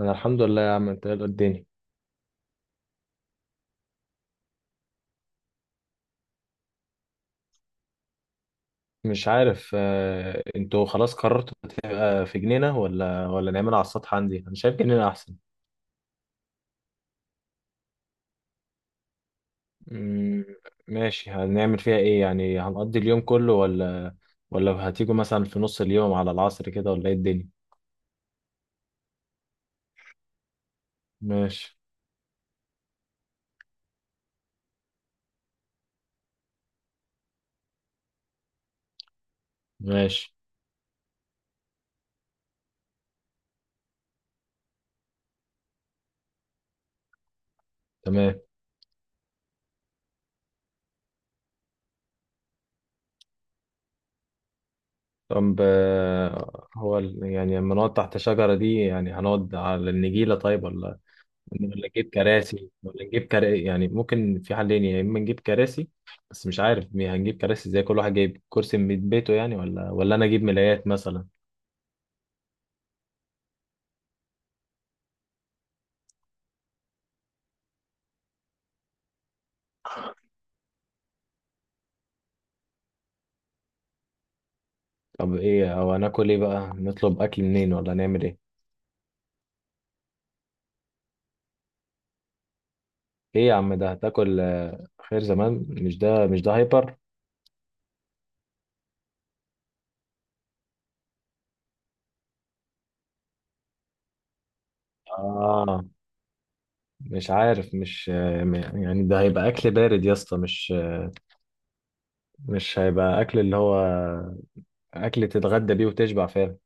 انا الحمد لله يا عم. انت إيه اللي الدنيا؟ مش عارف، انتوا خلاص قررتوا تبقى في جنينة ولا نعملها على السطح؟ عندي انا شايف جنينة احسن. مم، ماشي. هنعمل فيها ايه؟ يعني هنقضي اليوم كله ولا هتيجوا مثلا في نص اليوم على العصر كده، ولا ايه الدنيا؟ ماشي، ماشي. تمام. طب، هو يعني لما نقعد تحت شجرة دي، يعني هنقعد على النجيلة طيب ولا نجيب كراسي؟ يعني ممكن في حلين، يا اما نجيب كراسي بس مش عارف هنجيب كراسي زي كل واحد جايب كرسي من بيته يعني، ولا انا اجيب ملايات مثلا. طب ايه، او هناكل ايه بقى؟ نطلب اكل منين ولا نعمل ايه؟ ايه يا عم ده هتاكل؟ خير زمان؟ مش ده هايبر. اه. مش عارف. مش آه، م- يعني ده هيبقى اكل بارد يا اسطى، مش هيبقى اكل اللي هو اكل تتغدى بيه وتشبع فعلا؟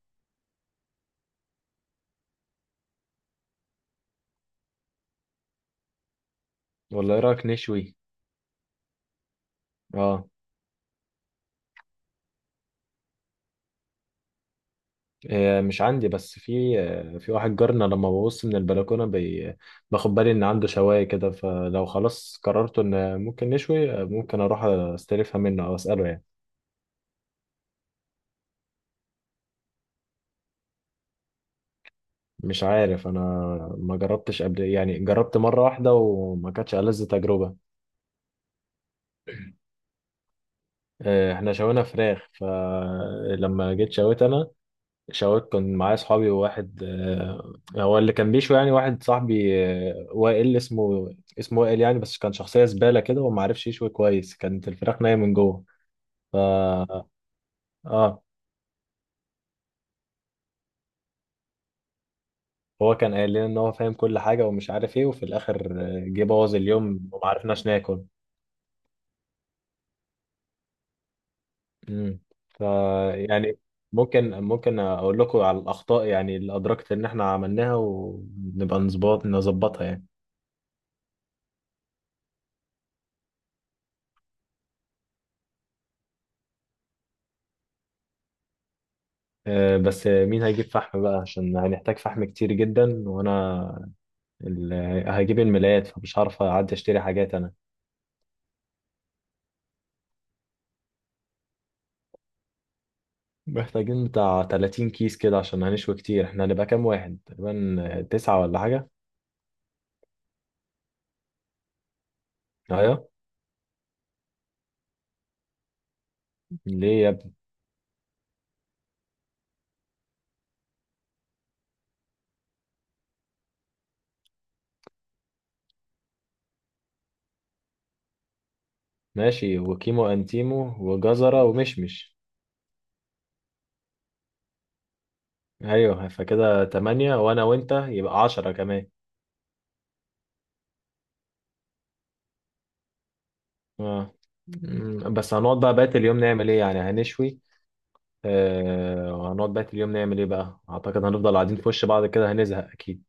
ولا ايه رايك نشوي؟ اه. مش عندي بس في، في واحد جارنا لما ببص من البلكونة باخد بالي إن عنده شواية كده، فلو خلاص قررت إن ممكن نشوي، ممكن أروح أستلفها منه أو أسأله يعني. مش عارف أنا، ما جربتش قبل يعني، جربت مرة واحدة وما كانتش ألذ تجربة. إحنا شوينا فراخ، فلما جيت شويت أنا شاورت، كنت معايا اصحابي وواحد، هو اللي كان بيشوي، يعني واحد صاحبي، وائل اسمه وائل يعني، بس كان شخصية زبالة كده وما عرفش يشوي كويس، كانت الفراخ نية من جوه. ف اه. هو كان قايل لنا ان هو فاهم كل حاجة ومش عارف ايه، وفي الاخر جه بوظ اليوم وما عرفناش ناكل. امم ف يعني ممكن اقول لكم على الاخطاء، يعني اللي ادركت ان احنا عملناها، ونبقى نظبطها يعني. بس مين هيجيب فحم بقى؟ عشان هنحتاج فحم كتير جدا، وانا هجيب الملايات، فمش هعرف اعدي اشتري حاجات انا. محتاجين بتاع 30 كيس كده عشان هنشوي كتير. احنا هنبقى كام واحد تقريبا؟ تسعة ولا حاجة؟ ايوه. ليه يا ابني؟ ماشي، وكيمو انتيمو وجزرة ومشمش. ايوه، فكده تمانية، وانا وانت يبقى 10 كمان. اه. بس هنقعد بقى بقية اليوم نعمل ايه؟ يعني هنشوي؟ وهنقعد بقى اليوم نعمل ايه بقى؟ اعتقد هنفضل قاعدين في وش بعض كده، هنزهق اكيد.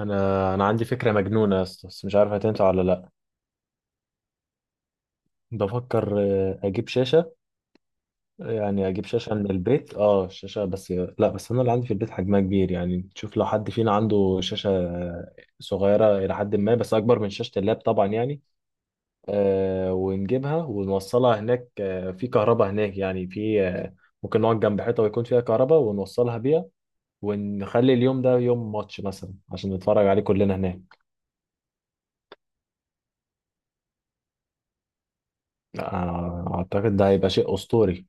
انا عندي فكره مجنونه يا اسطى، بس مش عارف هتنفع ولا لا. بفكر اجيب شاشه، يعني اجيب شاشه من البيت، اه شاشه، بس لا، بس انا اللي عندي في البيت حجمها كبير. يعني تشوف لو حد فينا عنده شاشه صغيره الى حد ما، بس اكبر من شاشه اللاب طبعا يعني. ونجيبها ونوصلها هناك. في كهرباء هناك يعني؟ في، ممكن نقعد جنب حيطه ويكون فيها كهرباء ونوصلها بيها، ونخلي اليوم ده يوم ماتش مثلا عشان نتفرج عليه كلنا هناك. اعتقد ده هيبقى شيء اسطوري.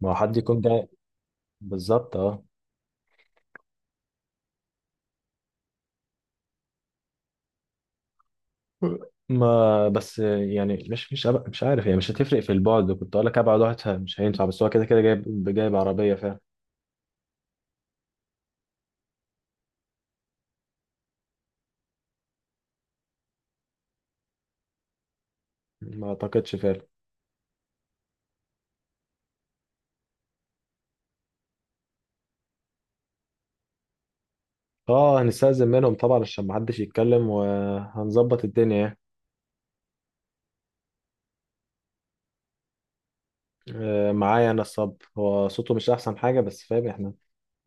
ما هو حد يكون جاي، بالظبط اه. ما بس يعني، مش عارف يعني، مش هتفرق في البعد. كنت اقول لك ابعد واحد مش هينفع، بس هو كده كده جايب عربيه فعلا. ما اعتقدش فعلا. اه. هنستأذن منهم طبعا عشان ما حدش يتكلم، وهنظبط الدنيا يعني. معايا انا الصب، هو صوته مش احسن حاجه بس فاهم، احنا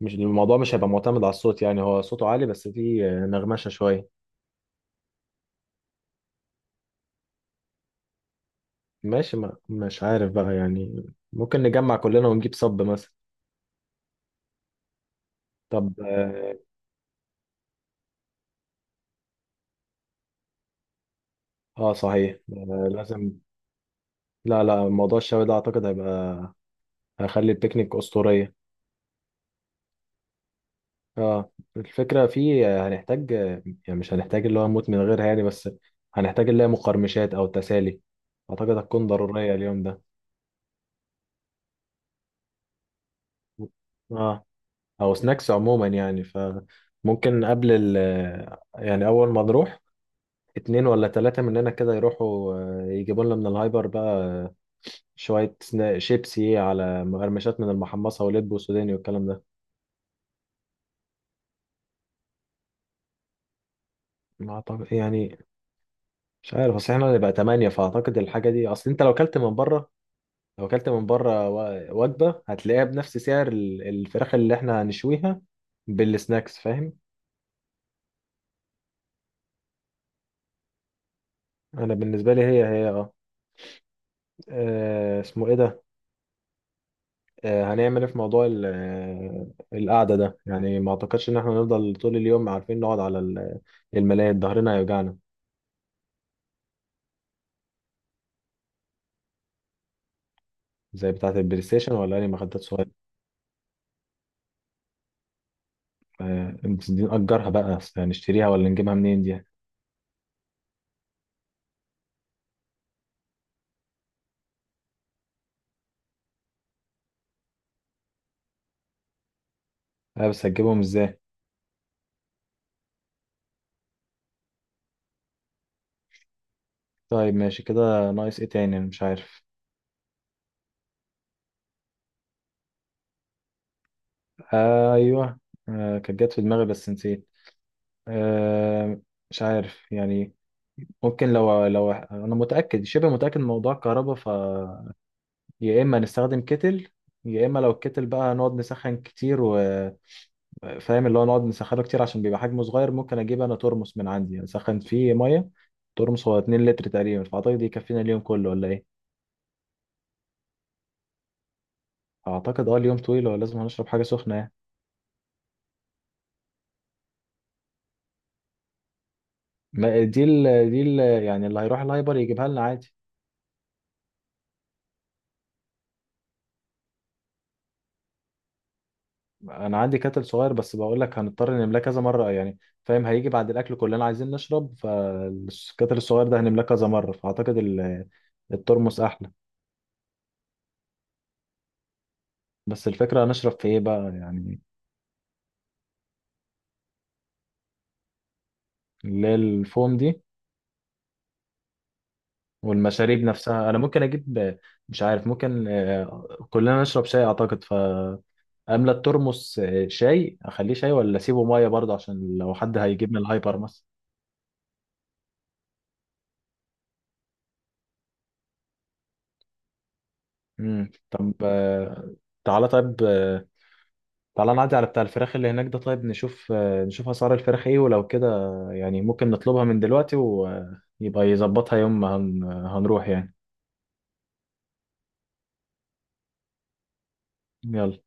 مش الموضوع مش هيبقى معتمد على الصوت، يعني هو صوته عالي بس فيه نغمشه شويه. ماشي. ما مش عارف بقى يعني، ممكن نجمع كلنا ونجيب صب مثلا. طب، اه. صحيح، آه لازم. لا، لا، موضوع الشوي ده اعتقد هيخلي البيكنيك اسطورية. اه الفكرة فيه، هنحتاج، يعني مش هنحتاج اللي هو نموت من غيرها يعني، بس هنحتاج اللي هي مقرمشات او تسالي، اعتقد هتكون ضرورية اليوم ده. اه، او سناكس عموما يعني. فممكن قبل يعني اول ما نروح، اتنين ولا تلاتة مننا كده يروحوا يجيبوا لنا من الهايبر بقى، شوية شيبسي على مقرمشات من المحمصة ولب وسوداني والكلام ده. ما أعتقد يعني، مش عارف. أصل إحنا هنبقى تمانية فأعتقد الحاجة دي، أصل أنت لو أكلت من بره وجبة هتلاقيها بنفس سعر الفراخ اللي إحنا هنشويها بالسناكس فاهم. أنا بالنسبة لي هي هي أه. اسمه إيه ده؟ هنعمل ايه في موضوع القعدة ده يعني؟ ما اعتقدش ان احنا نفضل طول اليوم عارفين نقعد على الملاية، ظهرنا هيوجعنا. زي بتاعة البلاي ستيشن ولا اي مخدات صغيرة؟ بس دي نأجرها بقى؟ أصل هنشتريها ولا نجيبها منين دي؟ بس هتجيبهم ازاي؟ طيب ماشي كده. ناقص ايه تاني، أنا مش عارف. آه ايوه. آه كانت جت في دماغي بس نسيت. آه، مش عارف يعني. ممكن لو انا متأكد شبه متأكد من موضوع الكهرباء، يا اما نستخدم كتل، يا اما لو الكتل بقى نقعد نسخن كتير وفاهم، اللي هو نقعد نسخنه كتير عشان بيبقى حجمه صغير. ممكن اجيب انا ترمس من عندي اسخن فيه ميه. ترمس هو 2 لتر تقريبا، فاعتقد يكفينا اليوم كله ولا ايه؟ اعتقد، اه اليوم طويل ولازم هنشرب حاجه سخنه يعني. ما دي ال دي يعني اللي هيروح الهايبر يجيبها لنا عادي. انا عندي كتل صغير، بس بقول لك هنضطر نملاه كذا مره يعني فاهم. هيجي بعد الاكل كلنا عايزين نشرب، فالكتل الصغير ده هنملاه كذا مره، فاعتقد الترمس احلى. بس الفكرة هنشرب في ايه بقى يعني؟ اللي هي الفوم دي. والمشاريب نفسها انا ممكن اجيب. مش عارف، ممكن كلنا نشرب شاي اعتقد، فاملى الترمس شاي. اخليه شاي ولا اسيبه ميه برضه عشان لو حد هيجيب من الهايبر مثلا؟ طب، تعالى. طيب تعالى نعدي على بتاع الفراخ اللي هناك ده، طيب نشوف نشوف اسعار الفراخ ايه ولو كده. يعني ممكن نطلبها من دلوقتي ويبقى يظبطها يوم ما هنروح يعني. يلا.